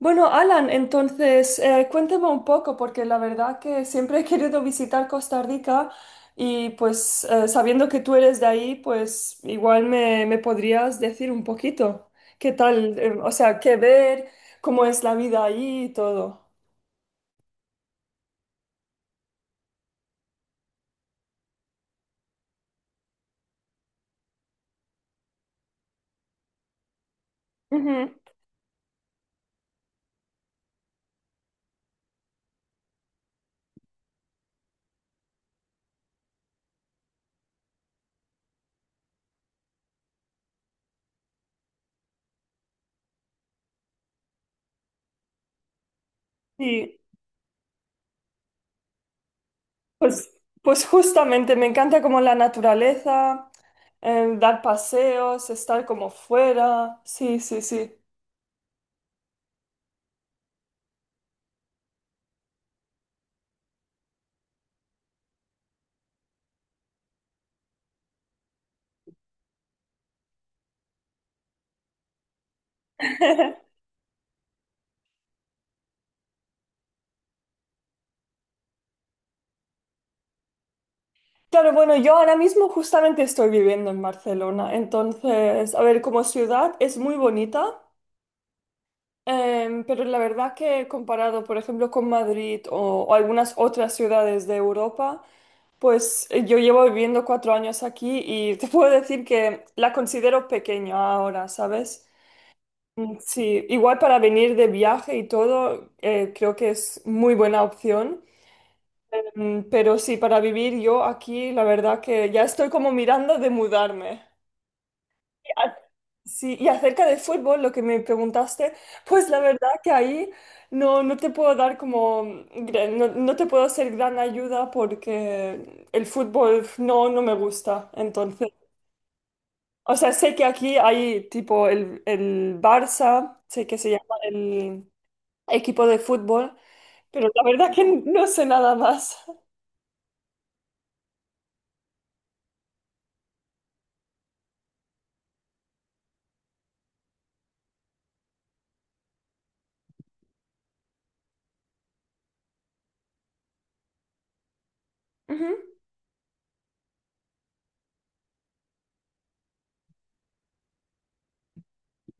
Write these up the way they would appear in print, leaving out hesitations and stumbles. Bueno, Alan, entonces cuéntame un poco, porque la verdad que siempre he querido visitar Costa Rica y pues sabiendo que tú eres de ahí, pues igual me podrías decir un poquito qué tal, o sea, qué ver, cómo es la vida ahí y todo. Ujú. Sí, pues, pues justamente me encanta como la naturaleza, dar paseos, estar como fuera, sí, sí, sí. Claro, bueno, yo ahora mismo justamente estoy viviendo en Barcelona, entonces, a ver, como ciudad es muy bonita, pero la verdad que comparado, por ejemplo, con Madrid o algunas otras ciudades de Europa, pues yo llevo viviendo 4 años aquí y te puedo decir que la considero pequeña ahora, ¿sabes? Mm. Sí, igual para venir de viaje y todo, creo que es muy buena opción. Mm. Pero sí, para vivir yo aquí, la verdad que ya estoy como mirando de mudarme. A- Sí, y acerca del fútbol, lo que me preguntaste, pues la verdad que ahí no, no te puedo dar como, gran- no, no te puedo ser gran ayuda porque el fútbol no, no me gusta. Entonces, o sea, sé que aquí hay tipo el Barça, sé que se llama el equipo de fútbol, pero la verdad que no sé nada más. Ujú.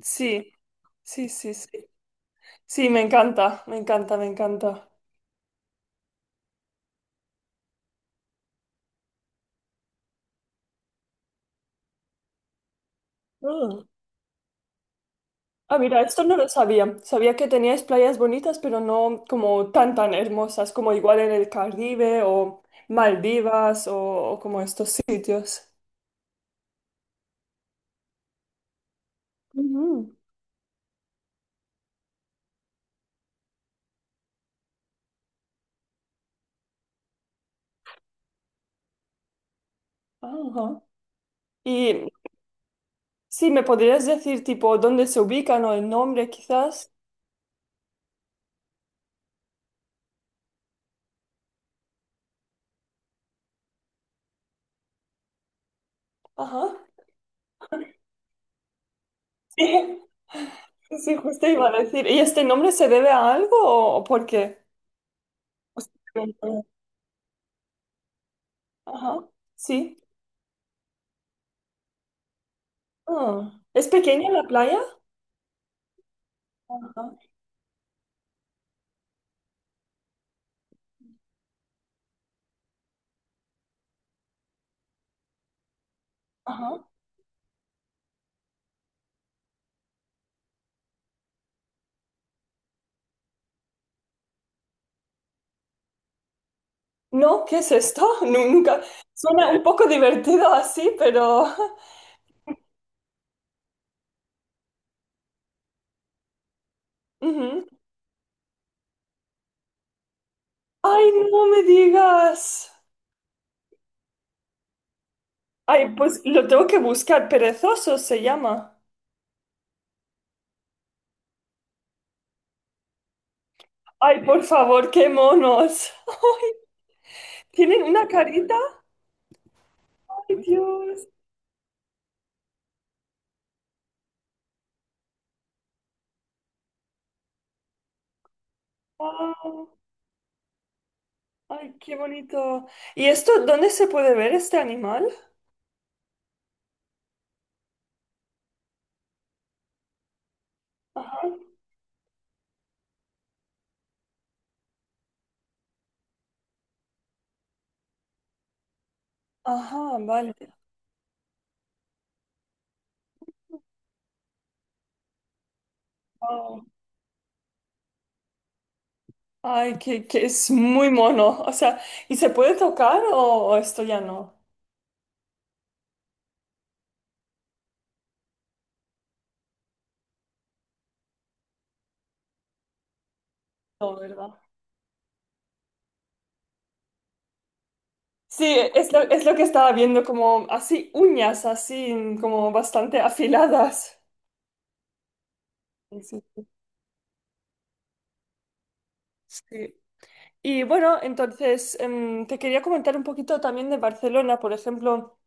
Sí, sí, sí, sí. Sí, me encanta, me encanta, me encanta. Mm. Ah, mira, esto no lo sabía. Sabía que teníais playas bonitas, pero no como tan tan hermosas, como igual en el Caribe o Maldivas o como estos sitios. Ujú. Ajá. Y sí, ¿me podrías decir tipo dónde se ubican o el nombre quizás? Ajá. Sí, sí, justo iba a decir. ¿Y este nombre se debe a algo o por qué? O simplemente- Ajá. Sí. Ah. ¿Es pequeña la playa? Ajá. Ajá. No, ¿qué es esto? Nu- Nunca. Suena un poco divertido así, pero... Ujú. Ay, no me digas. Ay, pues lo tengo que buscar. Perezosos se llama. Ay, por favor, qué monos. Ay, tienen una carita. Ay, Dios. Wow. Ay, qué bonito. ¿Y esto, dónde se puede ver este animal? Ajá. Ajá, vale. Wow. Ay, que es muy mono. O sea, ¿y se puede tocar o esto ya no? No, ¿verdad? Sí, es lo que estaba viendo, como así uñas, así como bastante afiladas. Sí, sí, sí. Sí. Y bueno, entonces te quería comentar un poquito también de Barcelona, por ejemplo,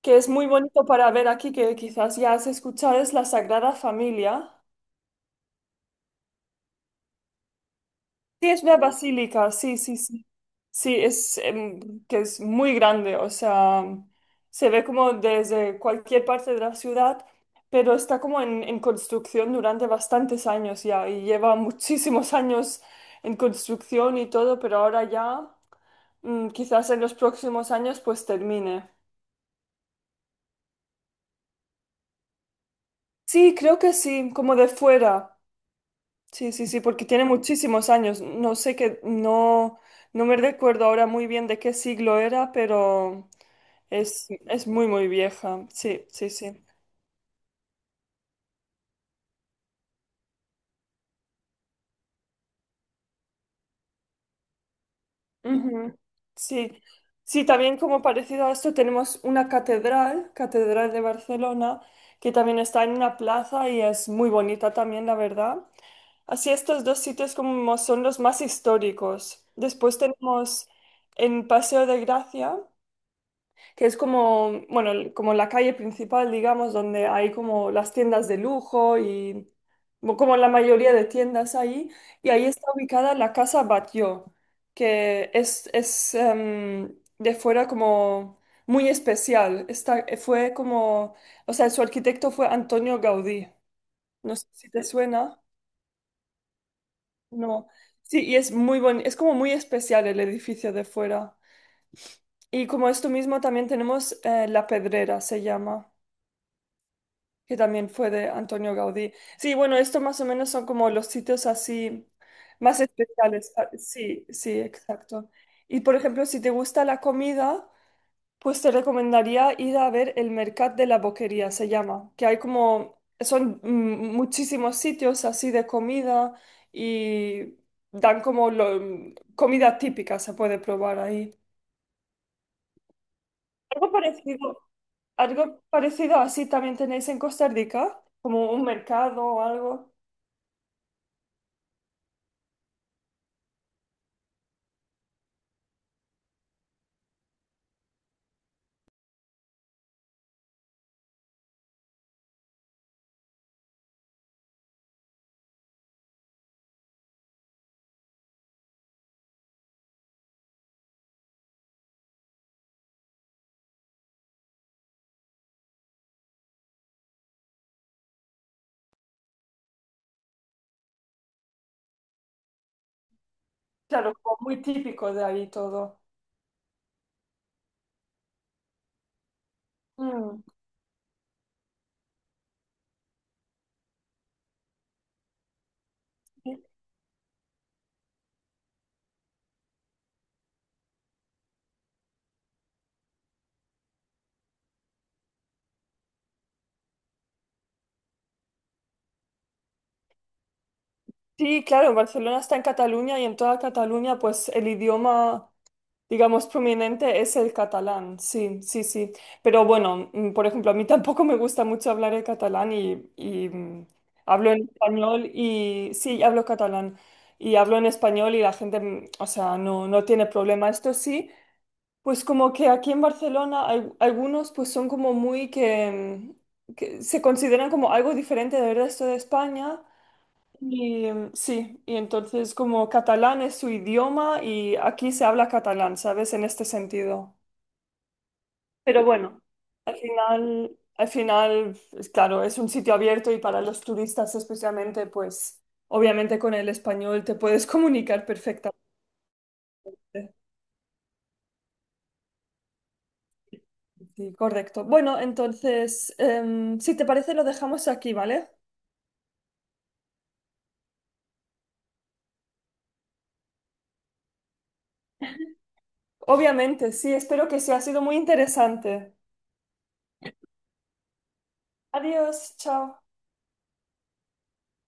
que es muy bonito para ver aquí, que quizás ya has escuchado, es la Sagrada Familia. Sí, es una basílica, sí, sí, sí. Sí, es que es muy grande, o sea, se ve como desde cualquier parte de la ciudad, pero está como en construcción durante bastantes años ya y lleva muchísimos años en construcción y todo, pero ahora ya mm, quizás en los próximos años pues termine. Sí, creo que sí, como de fuera. Sí, sí, sí, porque tiene muchísimos años. No sé qué, no, no me recuerdo ahora muy bien de qué siglo era, pero es muy, muy vieja. Sí, sí, sí. Ujú. Sí. Sí, también como parecido a esto tenemos una catedral, Catedral de Barcelona, que también está en una plaza y es muy bonita también, la verdad. Así estos dos sitios como son los más históricos. Después tenemos en Paseo de Gracia. Que es como, bueno, como la calle principal, digamos, donde hay como las tiendas de lujo y mo- como la mayoría de tiendas ahí, y ahí está ubicada la Casa Batlló, que es de fuera como muy especial. Está, fue como, o sea, su arquitecto fue Antonio Gaudí. No sé si te suena. No. Sí, y es muy bonito, es como muy especial el edificio de fuera. Y como esto mismo también tenemos La Pedrera, se llama. Que también fue de Antonio Gaudí. Sí, bueno, esto más o menos son como los sitios así más especiales. Ah. Sí, sí, exacto. Y por ejemplo, si te gusta la comida, pues te recomendaría ir a ver el Mercat de la Boquería, se llama, que hay como, son mm, muchísimos sitios así de comida y dan como lo- comida típica, se puede probar ahí. Algo parecido, algo parecido así también tenéis en Costa Rica, como un mercado o algo. Claro, como muy típico de ahí todo. Mm. Sí, claro, Barcelona está en Cataluña y en toda Cataluña, pues el idioma, digamos, prominente es el catalán. Sí, sí, sí. Pero bueno, mm, por ejemplo, a mí tampoco me gusta mucho hablar el catalán y, mm, hablo en español y sí, hablo catalán y hablo en español y la gente, mm, o sea, no, no tiene problema. Esto sí. Pues como que aquí en Barcelona al- algunos pues son como muy que, mm, que se consideran como algo diferente del resto de España y mm, sí, y entonces como catalán es su idioma y aquí se habla catalán, ¿sabes? En este sentido. Pero bueno, al final, es claro, es un sitio abierto y para los turistas especialmente, pues obviamente con el español te puedes comunicar perfectamente. Sí, correcto. Bueno, entonces, si te parece, lo dejamos aquí, ¿vale? Obviamente, sí, espero que sí, ha sido muy interesante. Adiós, chao.